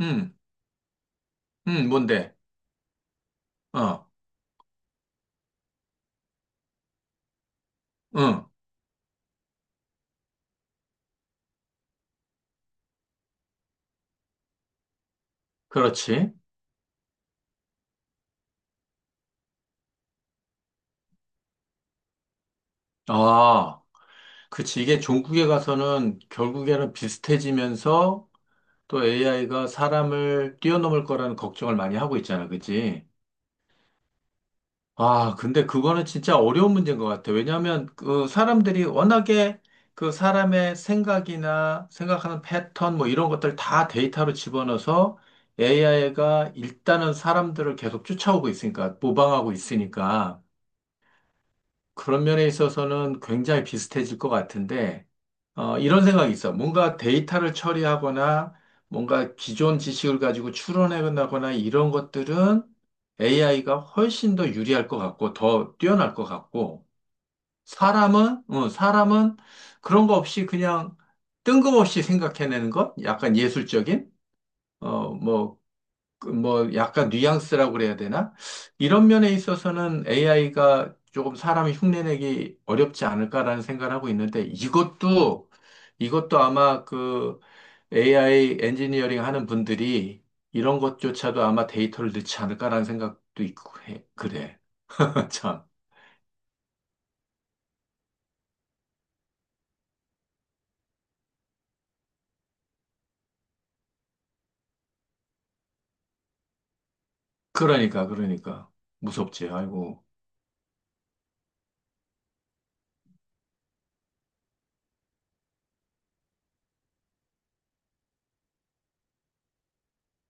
음, 음. 뭔데? 어, 응, 그렇지. 아, 그치. 이게 종국에 가서는 결국에는 비슷해지면서 또 AI가 사람을 뛰어넘을 거라는 걱정을 많이 하고 있잖아. 그치? 아, 근데 그거는 진짜 어려운 문제인 것 같아. 왜냐하면 그 사람들이 워낙에 그 사람의 생각이나 생각하는 패턴 뭐 이런 것들 다 데이터로 집어넣어서 AI가 일단은 사람들을 계속 쫓아오고 있으니까, 모방하고 있으니까. 그런 면에 있어서는 굉장히 비슷해질 것 같은데, 이런 생각이 있어. 뭔가 데이터를 처리하거나, 뭔가 기존 지식을 가지고 추론해나거나 이런 것들은 AI가 훨씬 더 유리할 것 같고, 더 뛰어날 것 같고, 사람은 그런 거 없이 그냥 뜬금없이 생각해내는 것? 약간 예술적인? 뭐, 그뭐 약간 뉘앙스라고 그래야 되나? 이런 면에 있어서는 AI가 조금 사람이 흉내내기 어렵지 않을까라는 생각을 하고 있는데 이것도 아마 그 AI 엔지니어링 하는 분들이 이런 것조차도 아마 데이터를 넣지 않을까라는 생각도 있고 해. 그래. 참. 그러니까 무섭지. 아이고.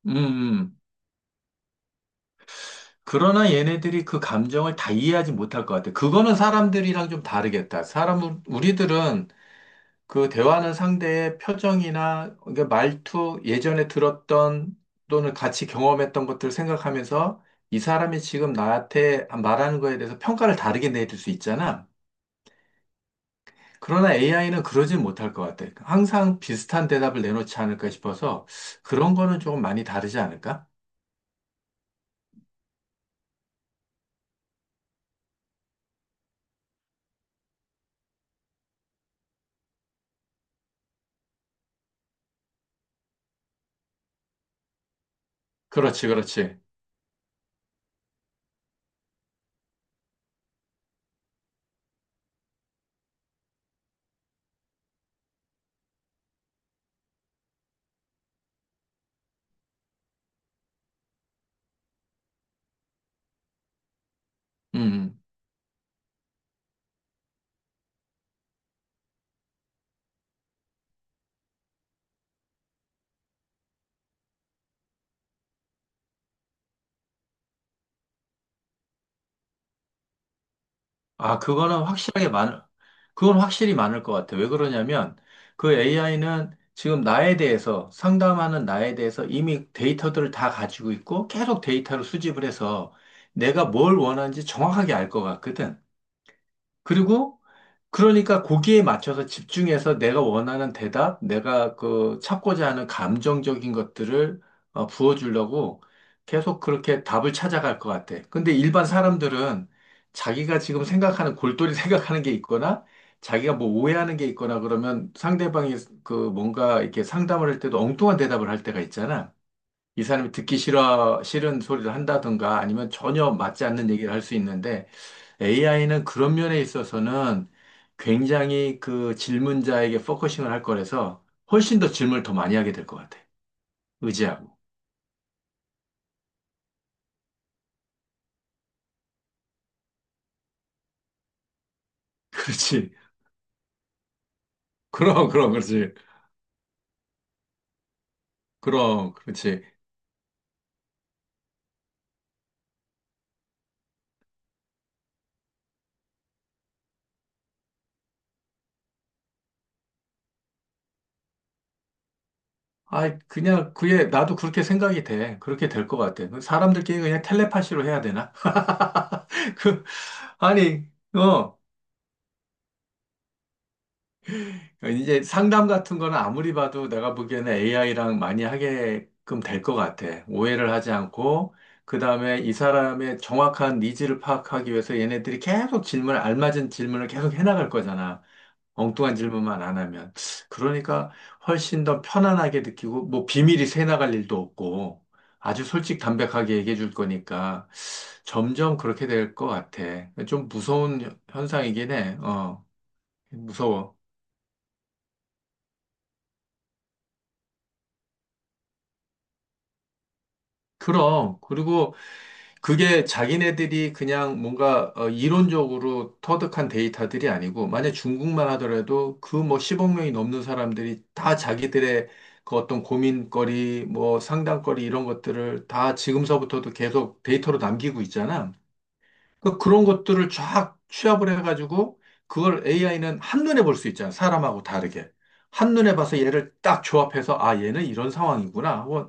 음. 음. 그러나 얘네들이 그 감정을 다 이해하지 못할 것 같아. 그거는 사람들이랑 좀 다르겠다. 우리들은 그 대화하는 상대의 표정이나 그러니까 말투, 예전에 들었던 또는 같이 경험했던 것들을 생각하면서 이 사람이 지금 나한테 말하는 거에 대해서 평가를 다르게 내릴 수 있잖아. 그러나 AI는 그러진 못할 것 같아. 항상 비슷한 대답을 내놓지 않을까 싶어서 그런 거는 조금 많이 다르지 않을까? 그렇지, 그렇지. 음. 음. 아, 그거는 확실하게 많을, 그건 확실히 많을 것 같아. 왜 그러냐면, 그 AI는 지금 나에 대해서, 상담하는 나에 대해서 이미 데이터들을 다 가지고 있고, 계속 데이터를 수집을 해서 내가 뭘 원하는지 정확하게 알 것 같거든. 그리고 그러니까 거기에 맞춰서 집중해서 내가 원하는 대답, 내가 그 찾고자 하는 감정적인 것들을 부어주려고 계속 그렇게 답을 찾아갈 것 같아. 근데 일반 사람들은 자기가 지금 생각하는 골똘히 생각하는 게 있거나 자기가 뭐 오해하는 게 있거나 그러면 상대방이 그 뭔가 이렇게 상담을 할 때도 엉뚱한 대답을 할 때가 있잖아. 이 사람이 싫은 소리를 한다든가 아니면 전혀 맞지 않는 얘기를 할 수 있는데 AI는 그런 면에 있어서는 굉장히 그 질문자에게 포커싱을 할 거라서 훨씬 더 질문을 더 많이 하게 될 것 같아. 의지하고. 그렇지. 그럼, 그럼, 그렇지. 그럼, 그렇지. 아, 그냥 그게 나도 그렇게 생각이 돼. 그렇게 될 것 같아. 그 사람들끼리 그냥 텔레파시로 해야 되나? 그, 아니, 어. 그러니까 이제 상담 같은 거는 아무리 봐도 내가 보기에는 AI랑 많이 하게끔 될 것 같아. 오해를 하지 않고, 그 다음에 이 사람의 정확한 니즈를 파악하기 위해서 얘네들이 계속 알맞은 질문을 계속 해나갈 거잖아. 엉뚱한 질문만 안 하면. 그러니까 훨씬 더 편안하게 느끼고, 뭐 비밀이 새나갈 일도 없고, 아주 솔직 담백하게 얘기해 줄 거니까 점점 그렇게 될 것 같아. 좀 무서운 현상이긴 해. 무서워. 그럼. 그리고 그게 자기네들이 그냥 뭔가 이론적으로 터득한 데이터들이 아니고, 만약 중국만 하더라도 그 뭐 10억 명이 넘는 사람들이 다 자기들의 그 어떤 고민거리, 뭐 상담거리 이런 것들을 다 지금서부터도 계속 데이터로 남기고 있잖아. 그런 것들을 쫙 취합을 해가지고 그걸 AI는 한눈에 볼 수 있잖아. 사람하고 다르게. 한눈에 봐서 얘를 딱 조합해서 아, 얘는 이런 상황이구나. 혹은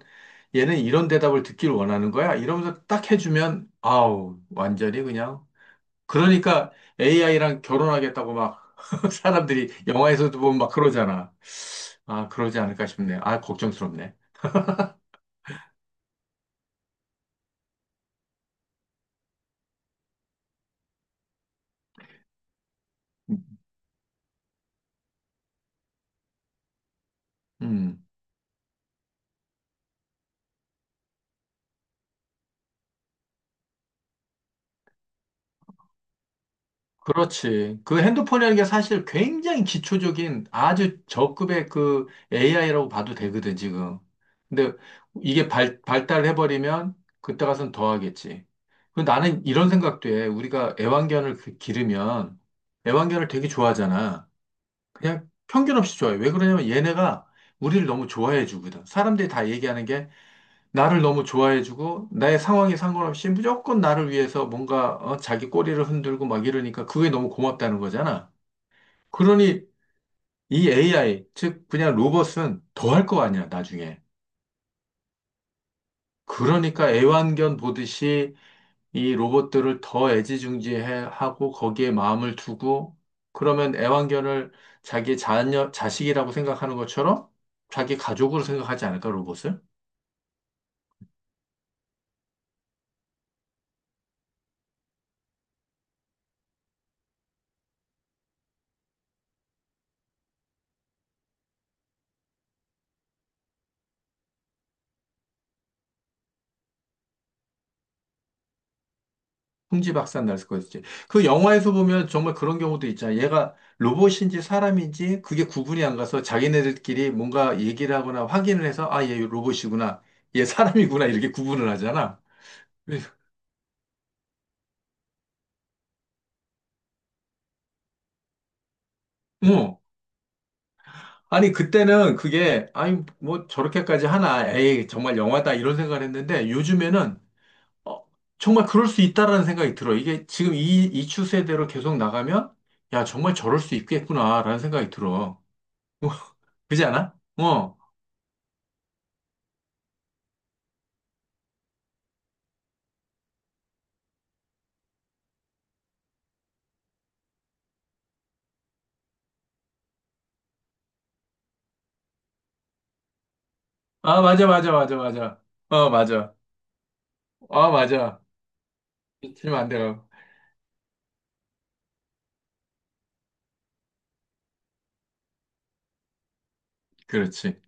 얘는 이런 대답을 듣길 원하는 거야. 이러면서 딱 해주면 아우, 완전히 그냥. 그러니까 AI랑 결혼하겠다고 막 사람들이 영화에서도 보면 막 그러잖아. 아, 그러지 않을까 싶네. 아, 걱정스럽네. 음. 그렇지. 그 핸드폰이라는 게 사실 굉장히 기초적인 아주 저급의 그 AI라고 봐도 되거든, 지금. 근데 이게 발달해버리면 그때 가서는 더 하겠지. 그 나는 이런 생각도 해. 우리가 애완견을 기르면 애완견을 되게 좋아하잖아. 그냥 편견 없이 좋아해. 왜 그러냐면 얘네가 우리를 너무 좋아해 주거든. 사람들이 다 얘기하는 게 나를 너무 좋아해주고 나의 상황에 상관없이 무조건 나를 위해서 뭔가 자기 꼬리를 흔들고 막 이러니까 그게 너무 고맙다는 거잖아. 그러니 이 AI, 즉 그냥 로봇은 더 할 거 아니야, 나중에. 그러니까 애완견 보듯이 이 로봇들을 더 애지중지하고 거기에 마음을 두고 그러면 애완견을 자기 자식이라고 생각하는 것처럼 자기 가족으로 생각하지 않을까, 로봇을? 흥지 박산 날 수가 있지. 그 영화에서 보면 정말 그런 경우도 있잖아. 얘가 로봇인지 사람인지 그게 구분이 안 가서 자기네들끼리 뭔가 얘기를 하거나 확인을 해서 아, 얘 로봇이구나. 얘 사람이구나. 이렇게 구분을 하잖아. 그래서, 어. 아니, 그때는 그게, 아니, 뭐 저렇게까지 하나. 에이, 정말 영화다. 이런 생각을 했는데 요즘에는 어, 정말 그럴 수 있다라는 생각이 들어. 이게 지금 이 추세대로 계속 나가면 야, 정말 저럴 수 있겠구나라는 생각이 들어. 그지 않아? 어. 아, 맞아, 맞아, 맞아, 맞아. 어, 맞아. 아, 맞아. 틀리면 안 돼요. 그렇지.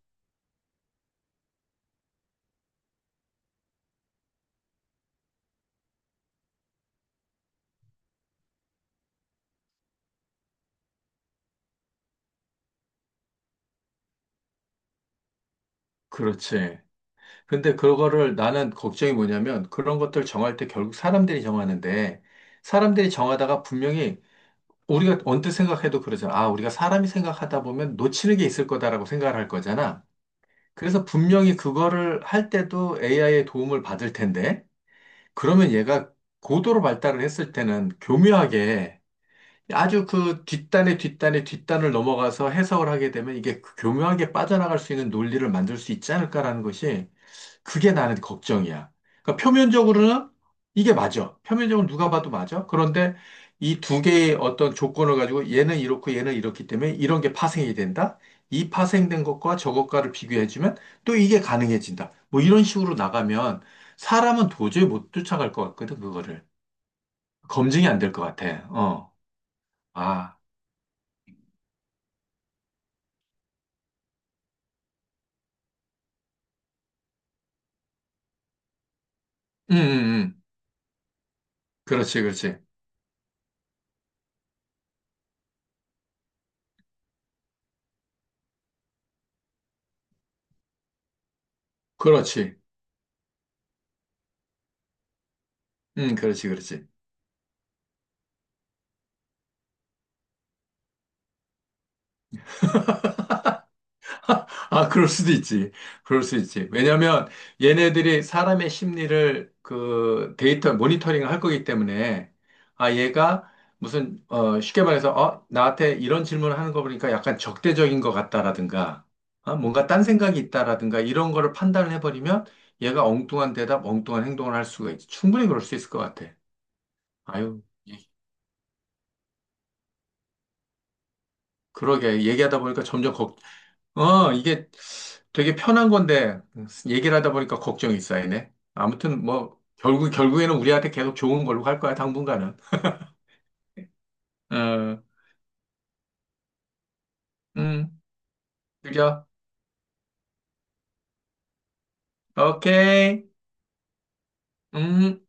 그렇지. 근데 그거를 나는 걱정이 뭐냐면 그런 것들 정할 때 결국 사람들이 정하는데 사람들이 정하다가 분명히 우리가 언뜻 생각해도 그러잖아. 아, 우리가 사람이 생각하다 보면 놓치는 게 있을 거다라고 생각을 할 거잖아. 그래서 분명히 그거를 할 때도 AI의 도움을 받을 텐데 그러면 얘가 고도로 발달을 했을 때는 교묘하게 아주 그 뒷단의 뒷단의 뒷단을 넘어가서 해석을 하게 되면 이게 그 교묘하게 빠져나갈 수 있는 논리를 만들 수 있지 않을까라는 것이 그게 나는 걱정이야. 그러니까 표면적으로는 이게 맞아. 표면적으로 누가 봐도 맞아. 그런데 이 두 개의 어떤 조건을 가지고 얘는 이렇고 얘는 이렇기 때문에 이런 게 파생이 된다. 이 파생된 것과 저것과를 비교해주면 또 이게 가능해진다. 뭐 이런 식으로 나가면 사람은 도저히 못 쫓아갈 것 같거든, 그거를. 검증이 안 될 것 같아. 어. 아. 음, 음, 음. 그렇지, 그렇지. 그렇지. 그렇지, 그렇지. 아, 그럴 수도 있지. 그럴 수 있지. 왜냐면 얘네들이 사람의 심리를 그 데이터 모니터링을 할 거기 때문에 아, 얘가 무슨 쉽게 말해서 나한테 이런 질문을 하는 거 보니까 약간 적대적인 것 같다라든가 아, 뭔가 딴 생각이 있다라든가 이런 거를 판단을 해버리면 얘가 엉뚱한 행동을 할 수가 있지. 충분히 그럴 수 있을 것 같아. 아유, 예. 그러게. 얘기하다 보니까 점점 걱정 이게 되게 편한 건데, 얘기를 하다 보니까 걱정이 쌓이네. 아무튼 뭐, 결국에는 우리한테 계속 좋은 걸로 갈 거야, 당분간은. 어, 음, 그죠? 오케이. 음.